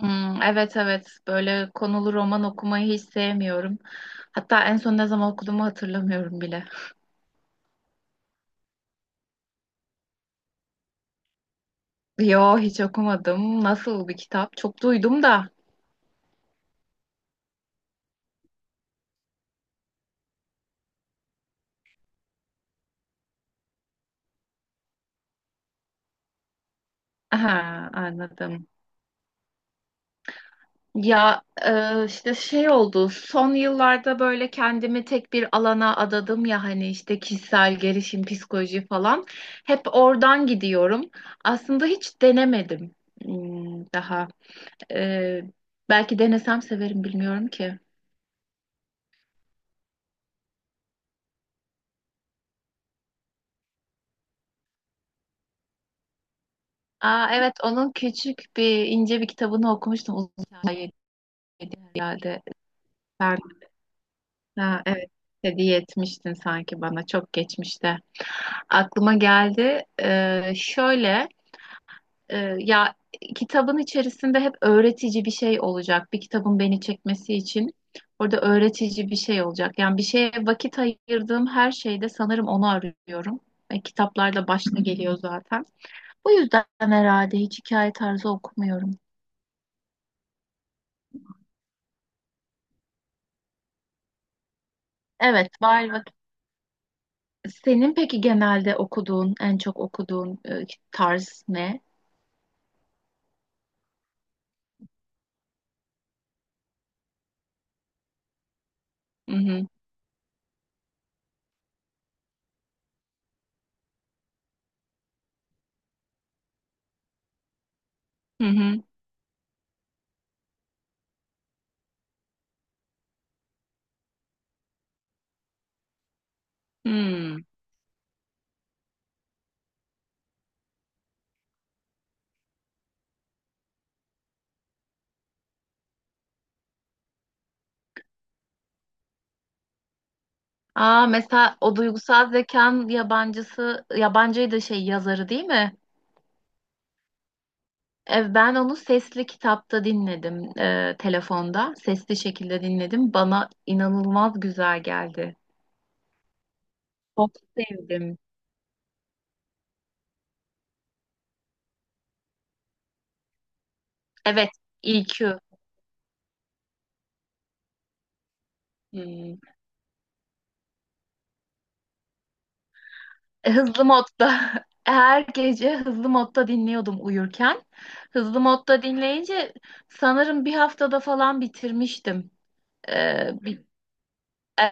Hmm, evet evet böyle konulu roman okumayı hiç sevmiyorum. Hatta en son ne zaman okuduğumu hatırlamıyorum bile. Yo, hiç okumadım. Nasıl bir kitap? Çok duydum da. Aha, anladım. Ya, işte şey oldu. Son yıllarda böyle kendimi tek bir alana adadım ya, hani işte kişisel gelişim, psikoloji falan. Hep oradan gidiyorum. Aslında hiç denemedim daha. E, Belki denesem severim, bilmiyorum ki. Aa, evet, onun küçük bir, ince bir kitabını okumuştum, uzun hikaye diye herhalde. Sen, ha, evet, hediye etmiştin sanki bana, çok geçmişte. Aklıma geldi. Şöyle, ya, kitabın içerisinde hep öğretici bir şey olacak. Bir kitabın beni çekmesi için orada öğretici bir şey olacak. Yani bir şeye vakit ayırdığım her şeyde sanırım onu arıyorum. Kitaplarda başta geliyor zaten. Bu yüzden herhalde hiç hikaye tarzı okumuyorum. Evet, var vakit. Senin peki genelde okuduğun, en çok okuduğun tarz ne? Hı hı. Hı hı. Hmm. Aa, mesela o duygusal zekan yabancısı, yabancıydı, şey yazarı değil mi? Ben onu sesli kitapta dinledim, telefonda. Sesli şekilde dinledim. Bana inanılmaz güzel geldi. Çok sevdim. Evet, EQ. Hmm. Hızlı modda her gece hızlı modda dinliyordum uyurken. Hızlı modda dinleyince sanırım bir haftada falan bitirmiştim. Ee, bi-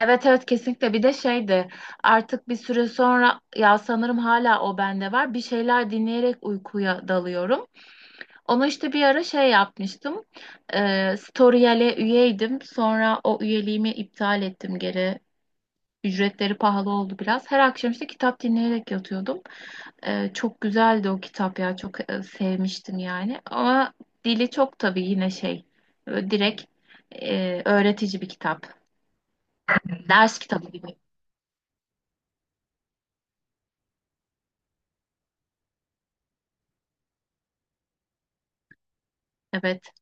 evet evet, kesinlikle. Bir de şeydi, artık bir süre sonra, ya sanırım hala o bende var, bir şeyler dinleyerek uykuya dalıyorum. Onu işte bir ara şey yapmıştım. Storyal'e üyeydim, sonra o üyeliğimi iptal ettim geri. Ücretleri pahalı oldu biraz. Her akşam işte kitap dinleyerek yatıyordum. Çok güzeldi o kitap ya. Çok sevmiştim yani. Ama dili çok tabii yine şey. Direkt, öğretici bir kitap. Ders kitabı gibi. Evet.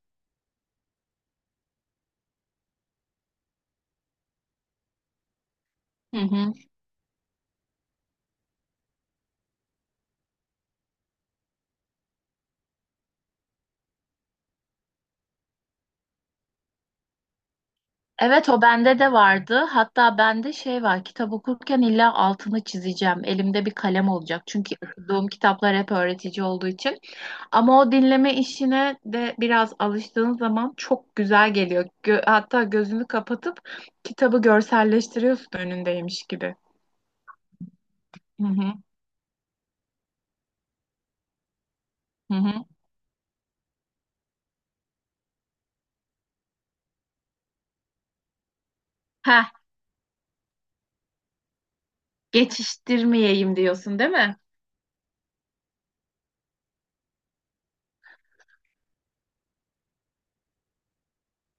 Hı hı. Evet, o bende de vardı. Hatta bende şey var, kitap okurken illa altını çizeceğim. Elimde bir kalem olacak. Çünkü okuduğum kitaplar hep öğretici olduğu için. Ama o dinleme işine de biraz alıştığın zaman çok güzel geliyor. Hatta gözünü kapatıp kitabı görselleştiriyorsun, önündeymiş gibi. Hı hı. Hı. Hı. Heh, geçiştirmeyeyim diyorsun, değil mi?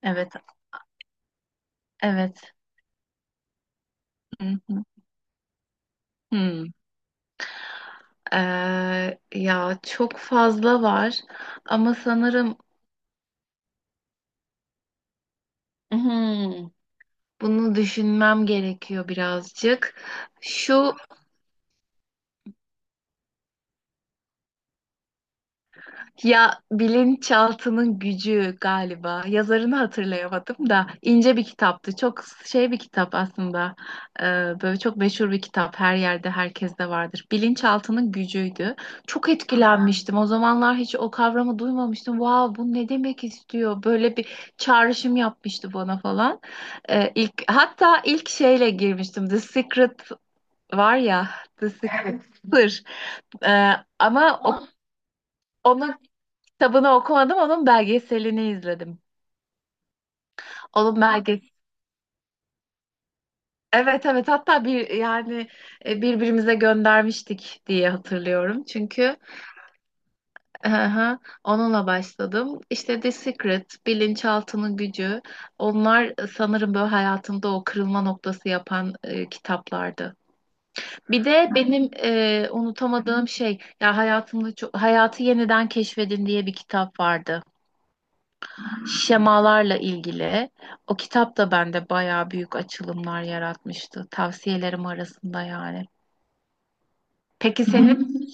Evet, evet. Hı hı. Hı. Ya, çok fazla var ama sanırım Hmm, bunu düşünmem gerekiyor birazcık. Şu, ya, bilinçaltının gücü galiba. Yazarını hatırlayamadım da, ince bir kitaptı. Çok şey bir kitap aslında. Ee, Böyle çok meşhur bir kitap. Her yerde, herkeste vardır. Bilinçaltının gücüydü. Çok etkilenmiştim. O zamanlar hiç o kavramı duymamıştım. Vav, bu ne demek istiyor? Böyle bir çağrışım yapmıştı bana falan. İlk hatta ilk şeyle girmiştim. The Secret. Var ya. The... Evet. Sır. Ee, Ama o, onun kitabını okumadım, onun belgeselini izledim. Onun belge Evet evet, hatta bir yani birbirimize göndermiştik diye hatırlıyorum. Çünkü, aha, onunla başladım. İşte The Secret, Bilinçaltının Gücü. Onlar sanırım böyle hayatımda o kırılma noktası yapan kitaplardı. Bir de benim unutamadığım şey, ya, hayatımda çok Hayatı Yeniden Keşfedin diye bir kitap vardı. Şemalarla ilgili. O kitap da bende bayağı büyük açılımlar yaratmıştı. Tavsiyelerim arasında yani. Peki senin?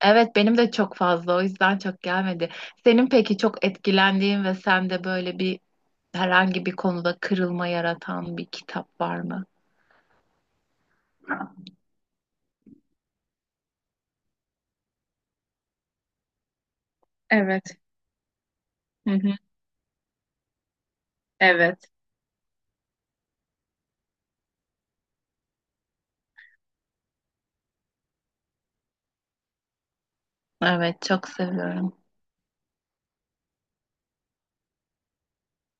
Evet, benim de çok fazla, o yüzden çok gelmedi. Senin peki çok etkilendiğin ve sende böyle bir, herhangi bir konuda kırılma yaratan bir kitap var mı? Evet. Hı hı. Evet. Evet, çok seviyorum.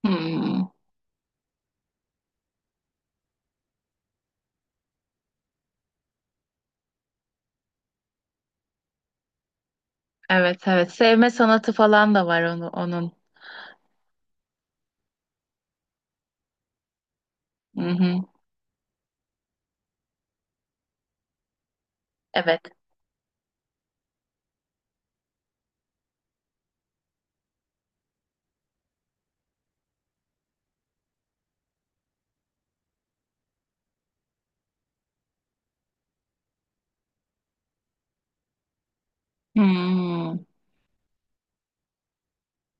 Hmm. Evet evet. Sevme sanatı falan da var, onu, onun. Hı hı. Evet. Hmm,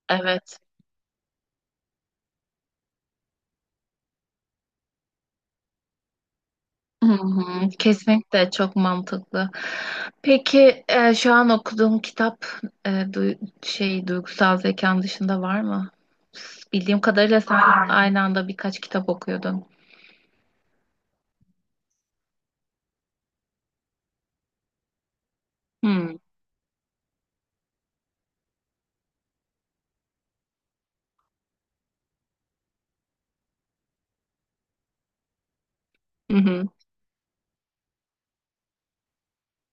evet. Hı hı. Kesinlikle, çok mantıklı. Peki şu an okuduğum kitap, e, du- şey, duygusal zekan dışında var mı? Bildiğim kadarıyla sen... Var, aynı anda birkaç kitap okuyordun. Hmm. Hı hı.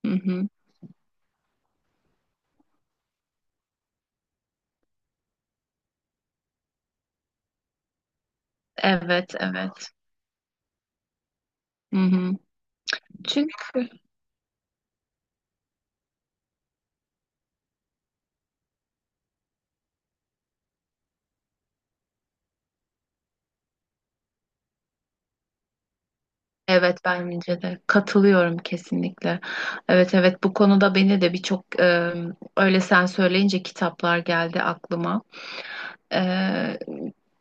Hı hı. Evet evet. Hı hı. Çünkü... Evet, bence de katılıyorum kesinlikle. Evet evet, bu konuda beni de birçok, öyle sen söyleyince kitaplar geldi aklıma. E,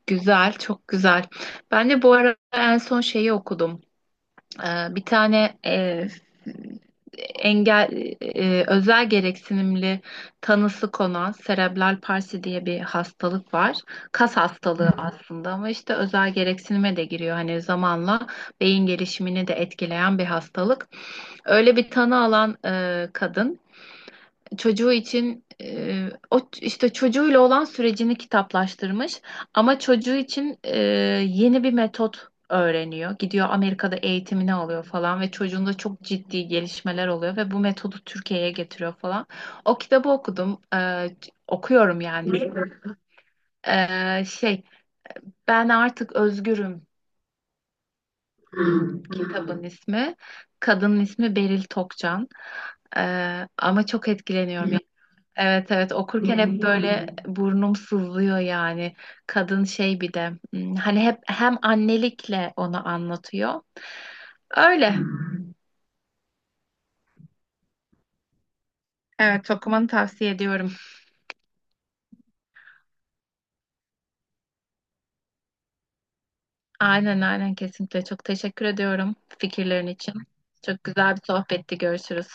Güzel, çok güzel. Ben de bu ara en son şeyi okudum. Bir tane, engel, özel gereksinimli tanısı konan serebral palsi diye bir hastalık var. Kas hastalığı aslında, ama işte özel gereksinime de giriyor. Hani zamanla beyin gelişimini de etkileyen bir hastalık. Öyle bir tanı alan kadın, çocuğu için, işte çocuğuyla olan sürecini kitaplaştırmış, ama çocuğu için yeni bir metot öğreniyor. Gidiyor, Amerika'da eğitimini alıyor falan, ve çocuğunda çok ciddi gelişmeler oluyor ve bu metodu Türkiye'ye getiriyor falan. O kitabı okudum. Okuyorum yani. Şey, Ben Artık Özgürüm kitabın ismi. Kadının ismi Beril Tokcan. E, Ama çok etkileniyorum. Evet evet, okurken hep böyle burnum sızlıyor yani. Kadın şey, bir de hani hep hem annelikle onu anlatıyor. Öyle. Evet, çok tavsiye ediyorum. Aynen aynen, kesinlikle çok teşekkür ediyorum fikirlerin için. Çok güzel bir sohbetti. Görüşürüz.